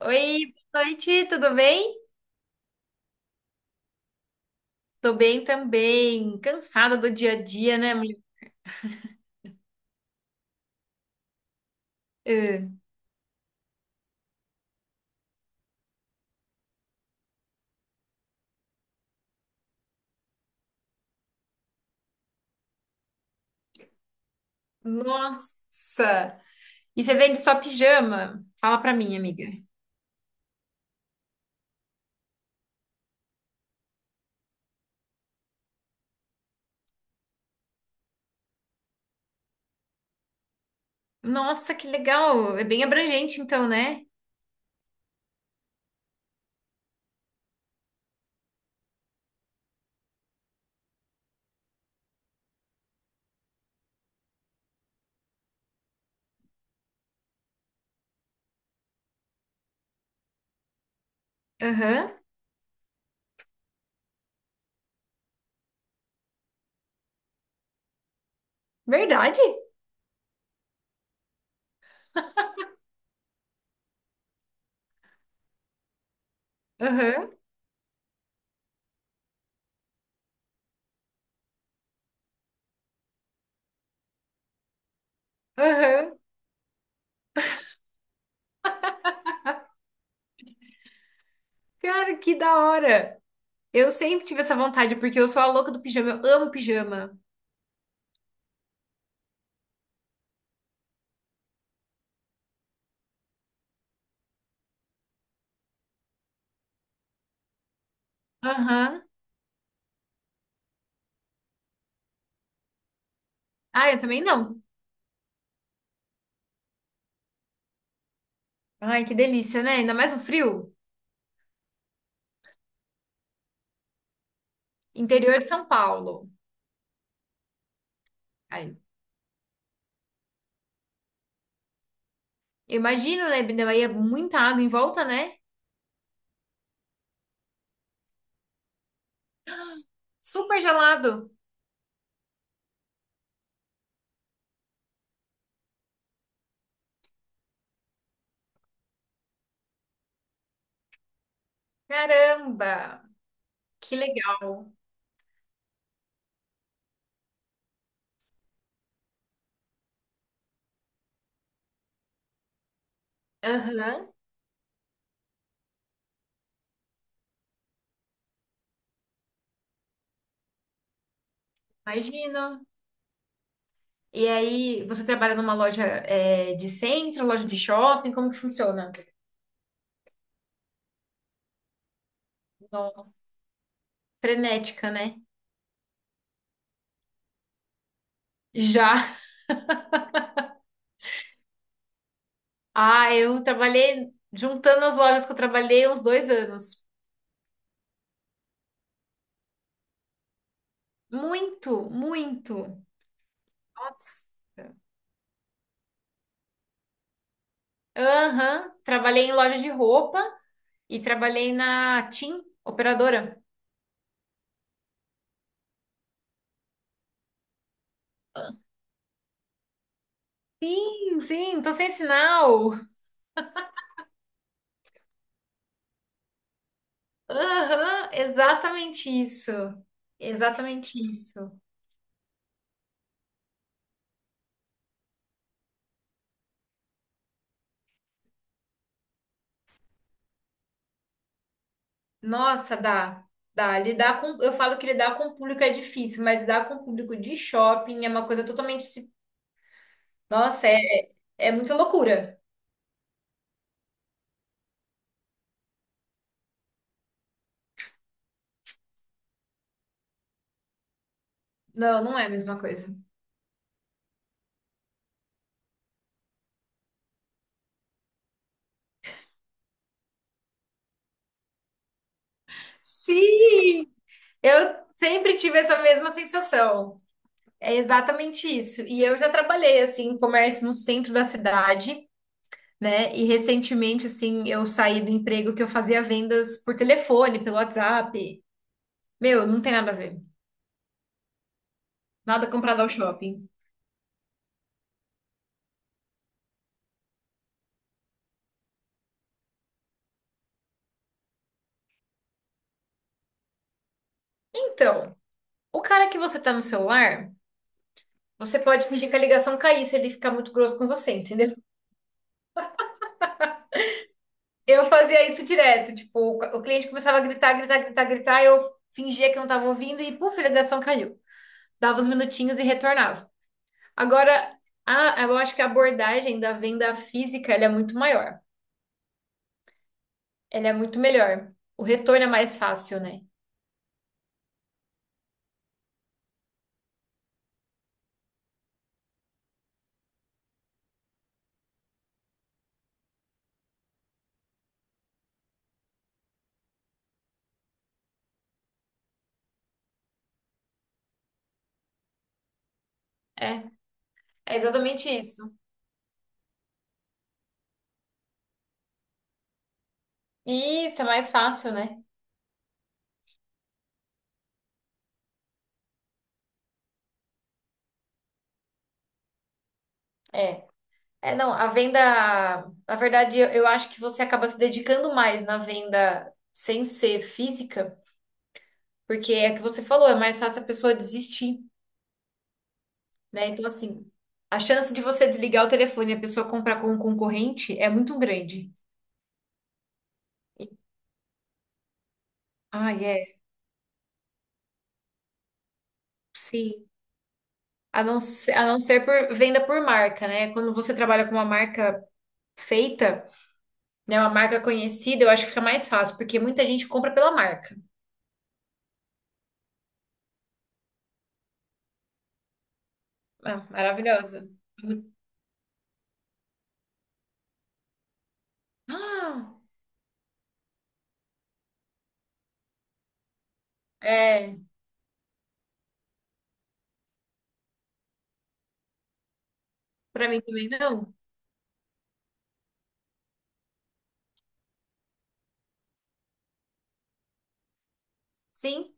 Oi, boa noite, tudo bem? Tô bem também. Cansada do dia a dia, né, mulher? Ah, nossa! E você vende só pijama? Fala pra mim, amiga. Nossa, que legal! É bem abrangente, então, né? Aham. Verdade? Aham. Aham. Cara, que da hora! Eu sempre tive essa vontade, porque eu sou a louca do pijama. Eu amo pijama. Aham. Ah, eu também não. Ai, que delícia, né? Ainda mais no frio. Interior de São Paulo. Imagina, né? Daí é muita água em volta, né? Super gelado. Caramba! Que legal. Aham. Imagino. E aí, você trabalha numa loja é, de centro, loja de shopping? Como que funciona? Nossa. Frenética, né? Já. Ah, eu trabalhei juntando as lojas que eu trabalhei uns 2 anos. Muito, muito. Nossa. Aham. Trabalhei em loja de roupa e trabalhei na TIM, operadora. Sim, tô sem sinal. Aham, exatamente isso. Exatamente isso. Nossa, dá. Dá. Lidar com. Eu falo que lidar com o público é difícil, mas lidar com o público de shopping é uma coisa totalmente. Nossa, é, é muita loucura. Não, não é a mesma coisa. Sim! Eu sempre tive essa mesma sensação. É exatamente isso. E eu já trabalhei assim, em comércio no centro da cidade, né? E recentemente, assim, eu saí do emprego que eu fazia vendas por telefone, pelo WhatsApp. Meu, não tem nada a ver. Nada comprado ao shopping. Então, o cara que você tá no celular, você pode pedir que a ligação cair se ele ficar muito grosso com você, entendeu? Eu fazia isso direto, tipo, o cliente começava a gritar, gritar, gritar, gritar, eu fingia que não tava ouvindo e, puf, a ligação caiu. Dava uns minutinhos e retornava. Agora, eu acho que a abordagem da venda física, ela é muito maior. Ele é muito melhor. O retorno é mais fácil, né? É, é exatamente isso. E isso é mais fácil, né? É. É, não, a venda, na verdade, eu acho que você acaba se dedicando mais na venda sem ser física, porque é o que você falou, é mais fácil a pessoa desistir, né? Então, assim, a chance de você desligar o telefone e a pessoa comprar com um concorrente é muito grande. Ah, é. Sim. A não ser por venda por marca, né? Quando você trabalha com uma marca feita, né, uma marca conhecida, eu acho que fica mais fácil, porque muita gente compra pela marca. Ah, maravilhosa. Ah, é, pra mim também não. Sim,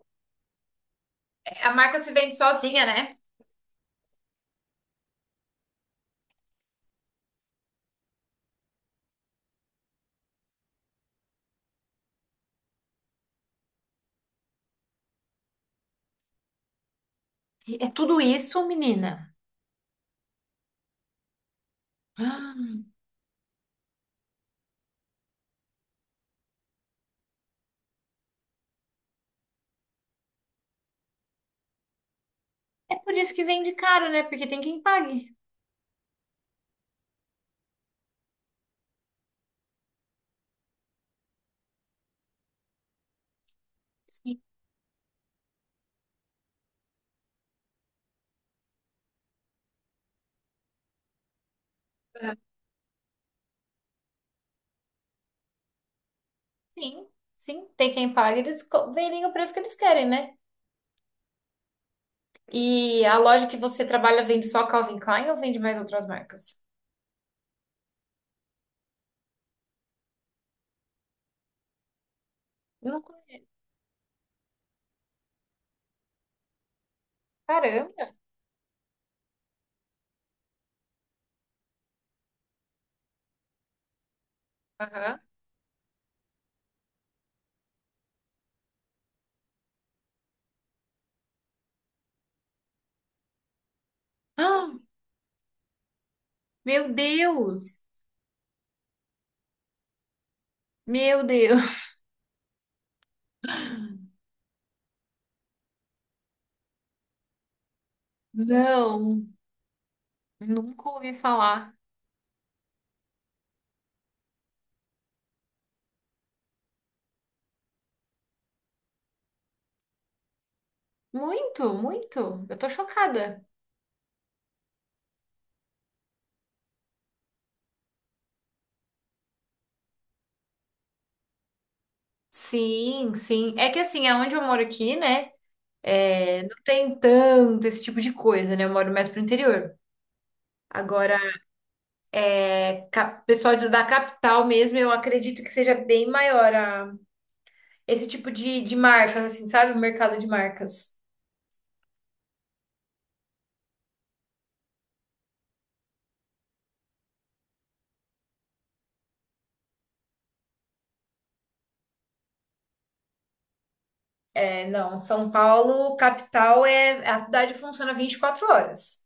a marca se vende sozinha, né? É tudo isso, menina. Ah, é por isso que vende caro, né? Porque tem quem pague. Sim, ah, sim, sim, tem quem pague, eles co- vendem o preço que eles querem, né? E a loja que você trabalha vende só Calvin Klein ou vende mais outras marcas? Não conheço. Caramba. Aham. Ah, meu Deus! Meu Deus, não, nunca ouvi falar. Muito, muito. Eu tô chocada. Sim, sim. É que assim, aonde eu moro aqui, né? É, não tem tanto esse tipo de coisa, né? Eu moro mais pro interior. Agora, é, cap- pessoal de- da capital mesmo, eu acredito que seja bem maior a- esse tipo de marcas, assim, sabe? O mercado de marcas. É, não, São Paulo, capital, é, a cidade funciona 24 horas.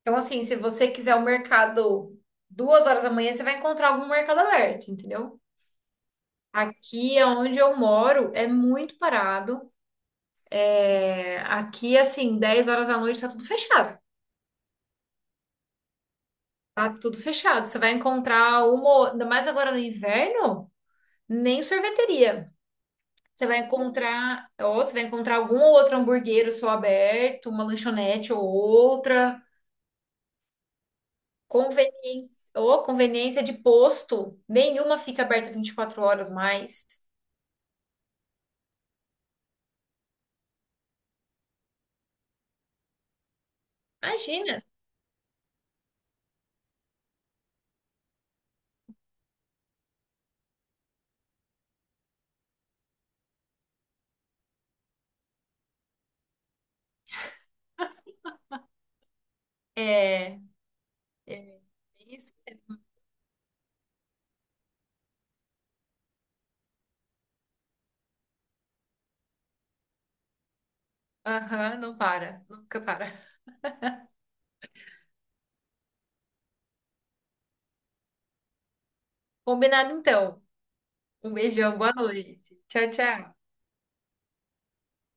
Então, assim, se você quiser o mercado 2 horas da manhã, você vai encontrar algum mercado aberto, entendeu? Aqui é onde eu moro, é muito parado. É, aqui, assim, 10 horas da noite tá tudo fechado. Tá tudo fechado. Você vai encontrar uma, ainda mais agora no inverno, nem sorveteria. Você vai encontrar, ou você vai encontrar algum outro hamburguero só aberto, uma lanchonete ou outra. Conveniência, ou conveniência de posto, nenhuma fica aberta 24 horas mais. Imagina. É, é isso. Aham, não para, nunca para. Combinado então. Um beijão, boa noite. Tchau, tchau.